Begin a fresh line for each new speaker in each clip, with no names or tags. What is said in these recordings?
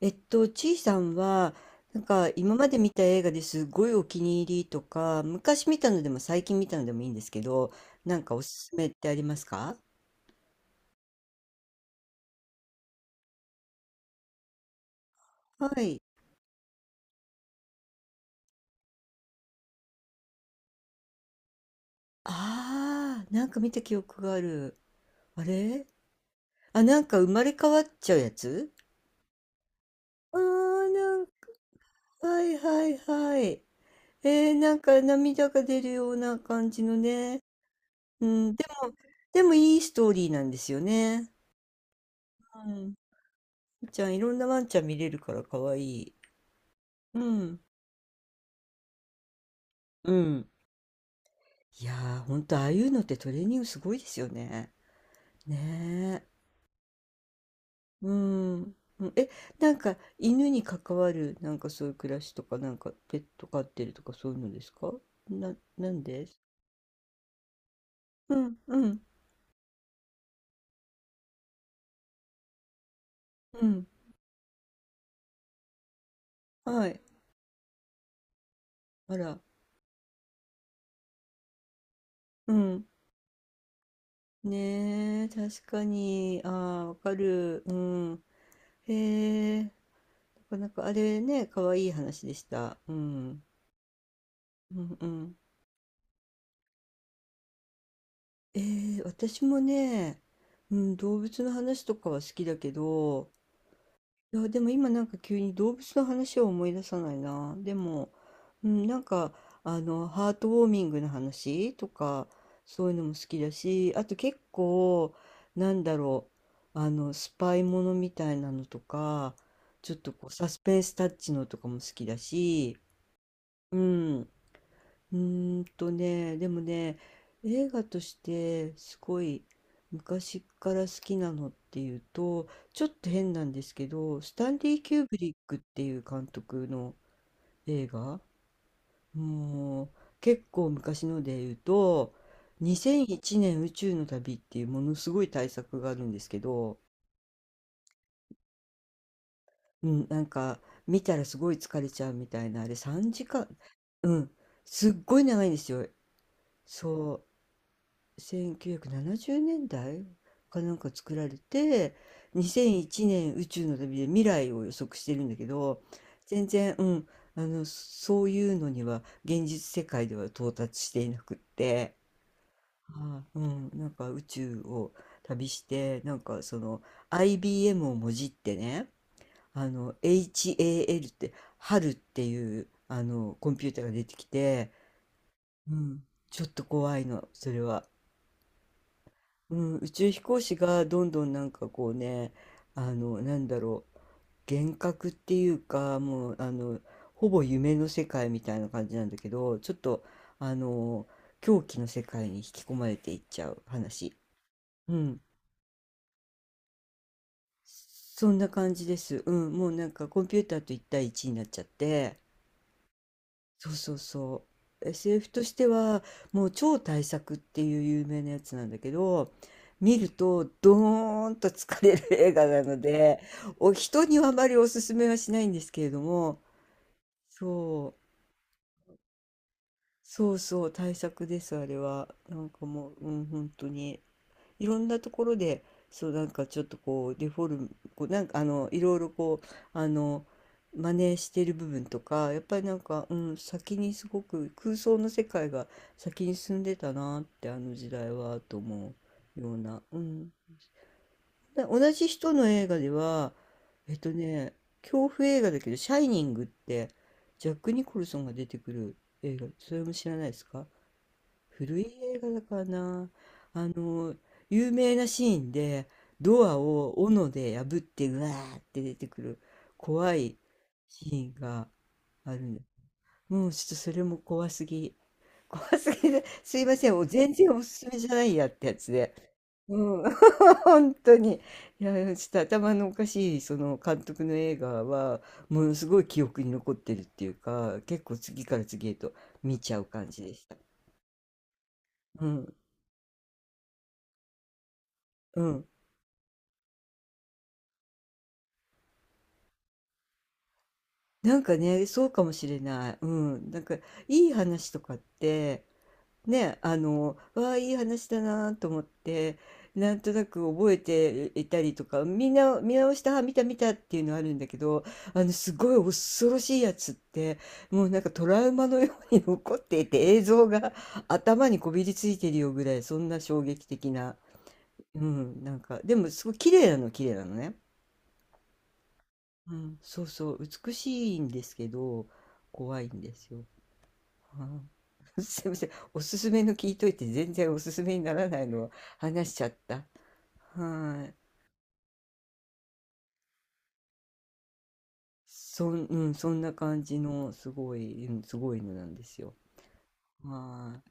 ちいさんは、なんか今まで見た映画ですごいお気に入りとか、昔見たのでも最近見たのでもいいんですけど、なんかおすすめってありますか？はい。ああ、なんか見た記憶がある。あれ、あ、なんか生まれ変わっちゃうやつ。ああー、なんか、はいはいはい。なんか涙が出るような感じのね。うん、でもいいストーリーなんですよね。うん。ちゃん、いろんなワンちゃん見れるから可愛い。うん。うん。いやー、ほんと、ああいうのってトレーニングすごいですよね。ねえ。うん。うんえ、なんか、犬に関わる、なんかそういう暮らしとか、なんか、ペット飼ってるとか、そういうのですか？なんです？うん、うん、うん。はい。あら。うん。ねえ、確かに。ああ、わかる。うん。へえ。なかなか、あれね、かわいい話でした。うん。うん、うん。私もね、うん、動物の話とかは好きだけど、いや、でも今なんか急に動物の話を思い出さないな。でも、うん、なんか、あの、ハートウォーミングの話とか、そういうのも好きだし、あと結構、なんだろう、あの、スパイものみたいなのとか、ちょっとこう、サスペンスタッチのとかも好きだし、うん。うーんとね、でもね、映画としてすごい昔から好きなのっていうと、ちょっと変なんですけど、スタンリー・キューブリックっていう監督の映画、もう結構昔ので言うと、2001年宇宙の旅っていうものすごい大作があるんですけど、うん、なんか見たらすごい疲れちゃうみたいな、あれ3時間、うん、すっごい長いんですよ。そう。1970年代かなんか作られて2001年宇宙の旅で未来を予測してるんだけど、全然、うん、あのそういうのには現実世界では到達していなくって、ああうん、なんか宇宙を旅してなんかその IBM をもじってね、あの HAL って春っていうあのコンピューターが出てきて、うん、ちょっと怖いのそれは。うん、宇宙飛行士がどんどんなんかこうね、あの、なんだろう、幻覚っていうか、もう、あの、ほぼ夢の世界みたいな感じなんだけど、ちょっと、あの、狂気の世界に引き込まれていっちゃう話。うん。そんな感じです。うん。もうなんかコンピューターと1対1になっちゃって、そうそうそう。SF としては、もう超大作っていう有名なやつなんだけど、見るとドーンと疲れる映画なので、お人にはあまりおすすめはしないんですけれども、そう、そうそう、大作です、あれは。なんかもう、うん、本当に。いろんなところでそうなんかちょっとこうデフォルムこうなんかあのいろいろこうあの真似してる部分とかやっぱりなんか、うん、先にすごく空想の世界が先に進んでたなってあの時代はと思うような、うん、で同じ人の映画ではね、恐怖映画だけど「シャイニング」ってジャック・ニコルソンが出てくる映画、それも知らないですか？古い映画だからな。あの、有名なシーンで、ドアを斧で破って、うわーって出てくる怖いシーンがあるんだ。もうちょっとそれも怖すぎ。怖すぎで、すいません。もう全然おすすめじゃないやってやつで。うん。本当に。いや、ちょっと頭のおかしい、その監督の映画は、ものすごい記憶に残ってるっていうか、結構次から次へと見ちゃう感じでした。うん。うん。なんかね、そうかもしれない。うん。なんか、いい話とかって、ね、あの、わあ、いい話だなと思って、なんとなく覚えていたりとか、みんな見直した、あ見た見たっていうのあるんだけど、あの、すごい恐ろしいやつって、もうなんかトラウマのように 残っていて、映像が頭にこびりついてるよぐらい、そんな衝撃的な。うん、なんか、でも、すごい綺麗なの、綺麗なのね。うん、そうそう、美しいんですけど、怖いんですよ。あー すいません。おすすめの聞いといて全然おすすめにならないのを話しちゃった。はい。そん、うん、そんな感じのすごい、うん、すごいのなんですよ。はい。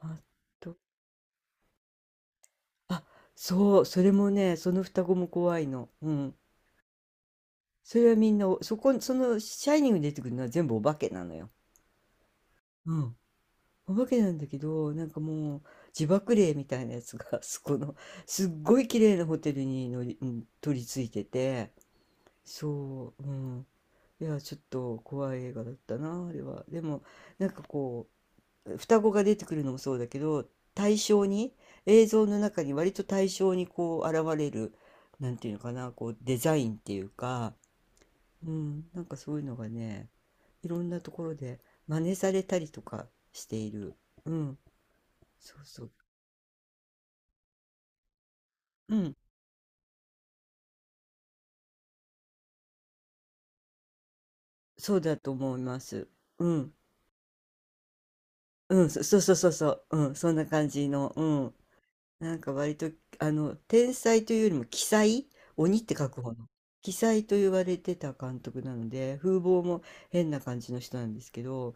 あと、あ、そう、それもね、その双子も怖いの。うん。それはみんな、そこ、その、シャイニングに出てくるのは全部お化けなのよ。うん。お化けなんだけど、なんかもう、自爆霊みたいなやつが、そこの、すっごい綺麗なホテルに乗り、うん、取り付いてて、そう、うん。いや、ちょっと怖い映画だったな、あれは。でも、なんかこう、双子が出てくるのもそうだけど、対象に、映像の中に割と対象にこう現れる、なんていうのかな、こうデザインっていうか、うん、なんかそういうのがね、いろんなところで真似されたりとかしている。うん、そうそう。うん、そうだと思います。うん、うん、そそうそうそうそう、うん、そんな感じの、うん。なんか割と、あの、天才というよりも鬼才、鬼って書く方の、鬼才と言われてた監督なので、風貌も変な感じの人なんですけど、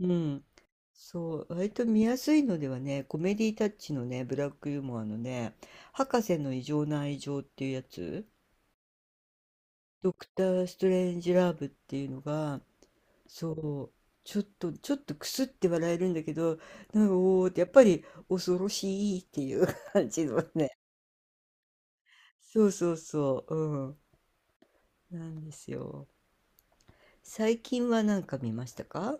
うん、そう、割と見やすいのではね、コメディタッチのね、ブラックユーモアのね、博士の異常な愛情っていうやつ、ドクター・ストレンジ・ラブっていうのが、そう、ちょっとくすって笑えるんだけど、なんか、おーって、やっぱり恐ろしいっていう 感じのね、そうそうそう、うん、なんですよ。最近は何か見ましたか？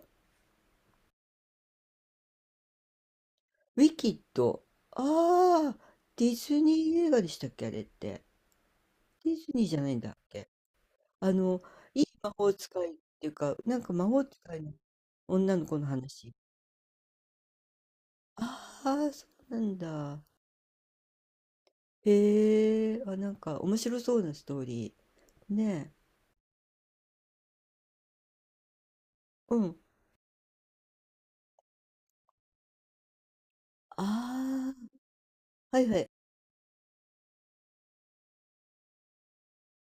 ウィキッド。ああ、ディズニー映画でしたっけ、あれって。ディズニーじゃないんだっけ。あの、いい魔法使いっていうか、なんか魔法使いの女の子の話。ああ、そうなんだ。へえ、あ、なんか面白そうなストーリー。ねえ。うん。ああ、はいはい。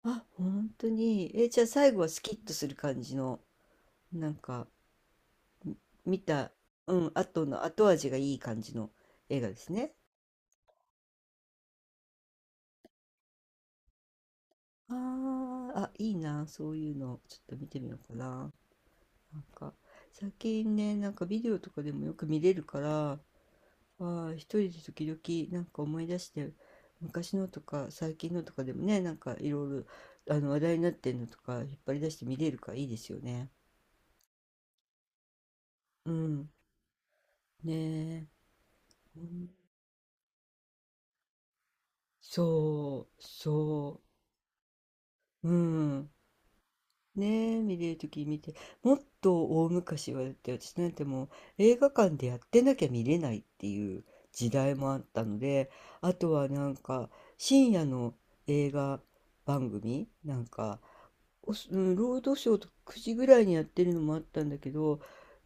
あ、本当に。え、じゃあ最後はスキッとする感じの、なんか。見た、うん、後の後味がいい感じの映画ですね。あーあ、いいな、そういうの、ちょっと見てみようかな。なんか、最近ね、なんかビデオとかでもよく見れるから、あー一人で時々なんか思い出して、昔のとか最近のとかでもね、なんかいろいろあの話題になってんのとか引っ張り出して見れるからいいですよね。うん。ねえ。うんそう、そう。うん。ねえ、見れるとき見て、もっと大昔はだって私なんてもう映画館でやってなきゃ見れないっていう時代もあったので、あとはなんか深夜の映画番組なんかおすうん、労働省と9時ぐらいにやってるのもあったんだけど、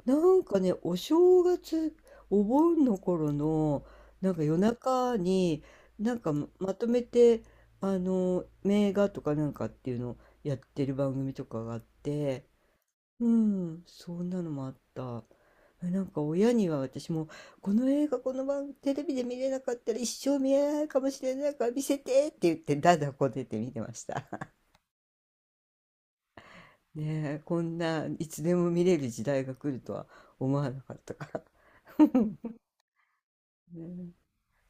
なんかね、お正月、お盆の頃の、なんか夜中に、なんかまとめて、あの、名画とかなんかっていうのをやってる番組とかがあって、うん、そんなのもあった。えなんか親には私も、この映画、この番、テレビで見れなかったら一生見えないかもしれないから見せてって言って、だだこねて見てました。ねえ、こんないつでも見れる時代が来るとは思わなかったから。ね、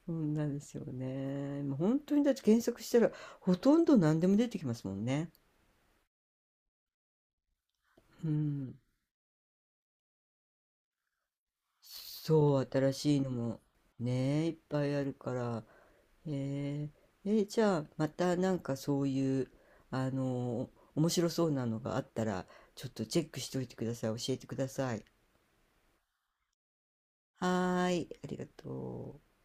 そんなですよね。もう本当にだって検索したらほとんど何でも出てきますもんね。うん。そう、新しいのもねえ、いっぱいあるから。えーじゃあまたなんかそういう、あの、面白そうなのがあったらちょっとチェックしておいてください。教えてください。はーい、ありがとう。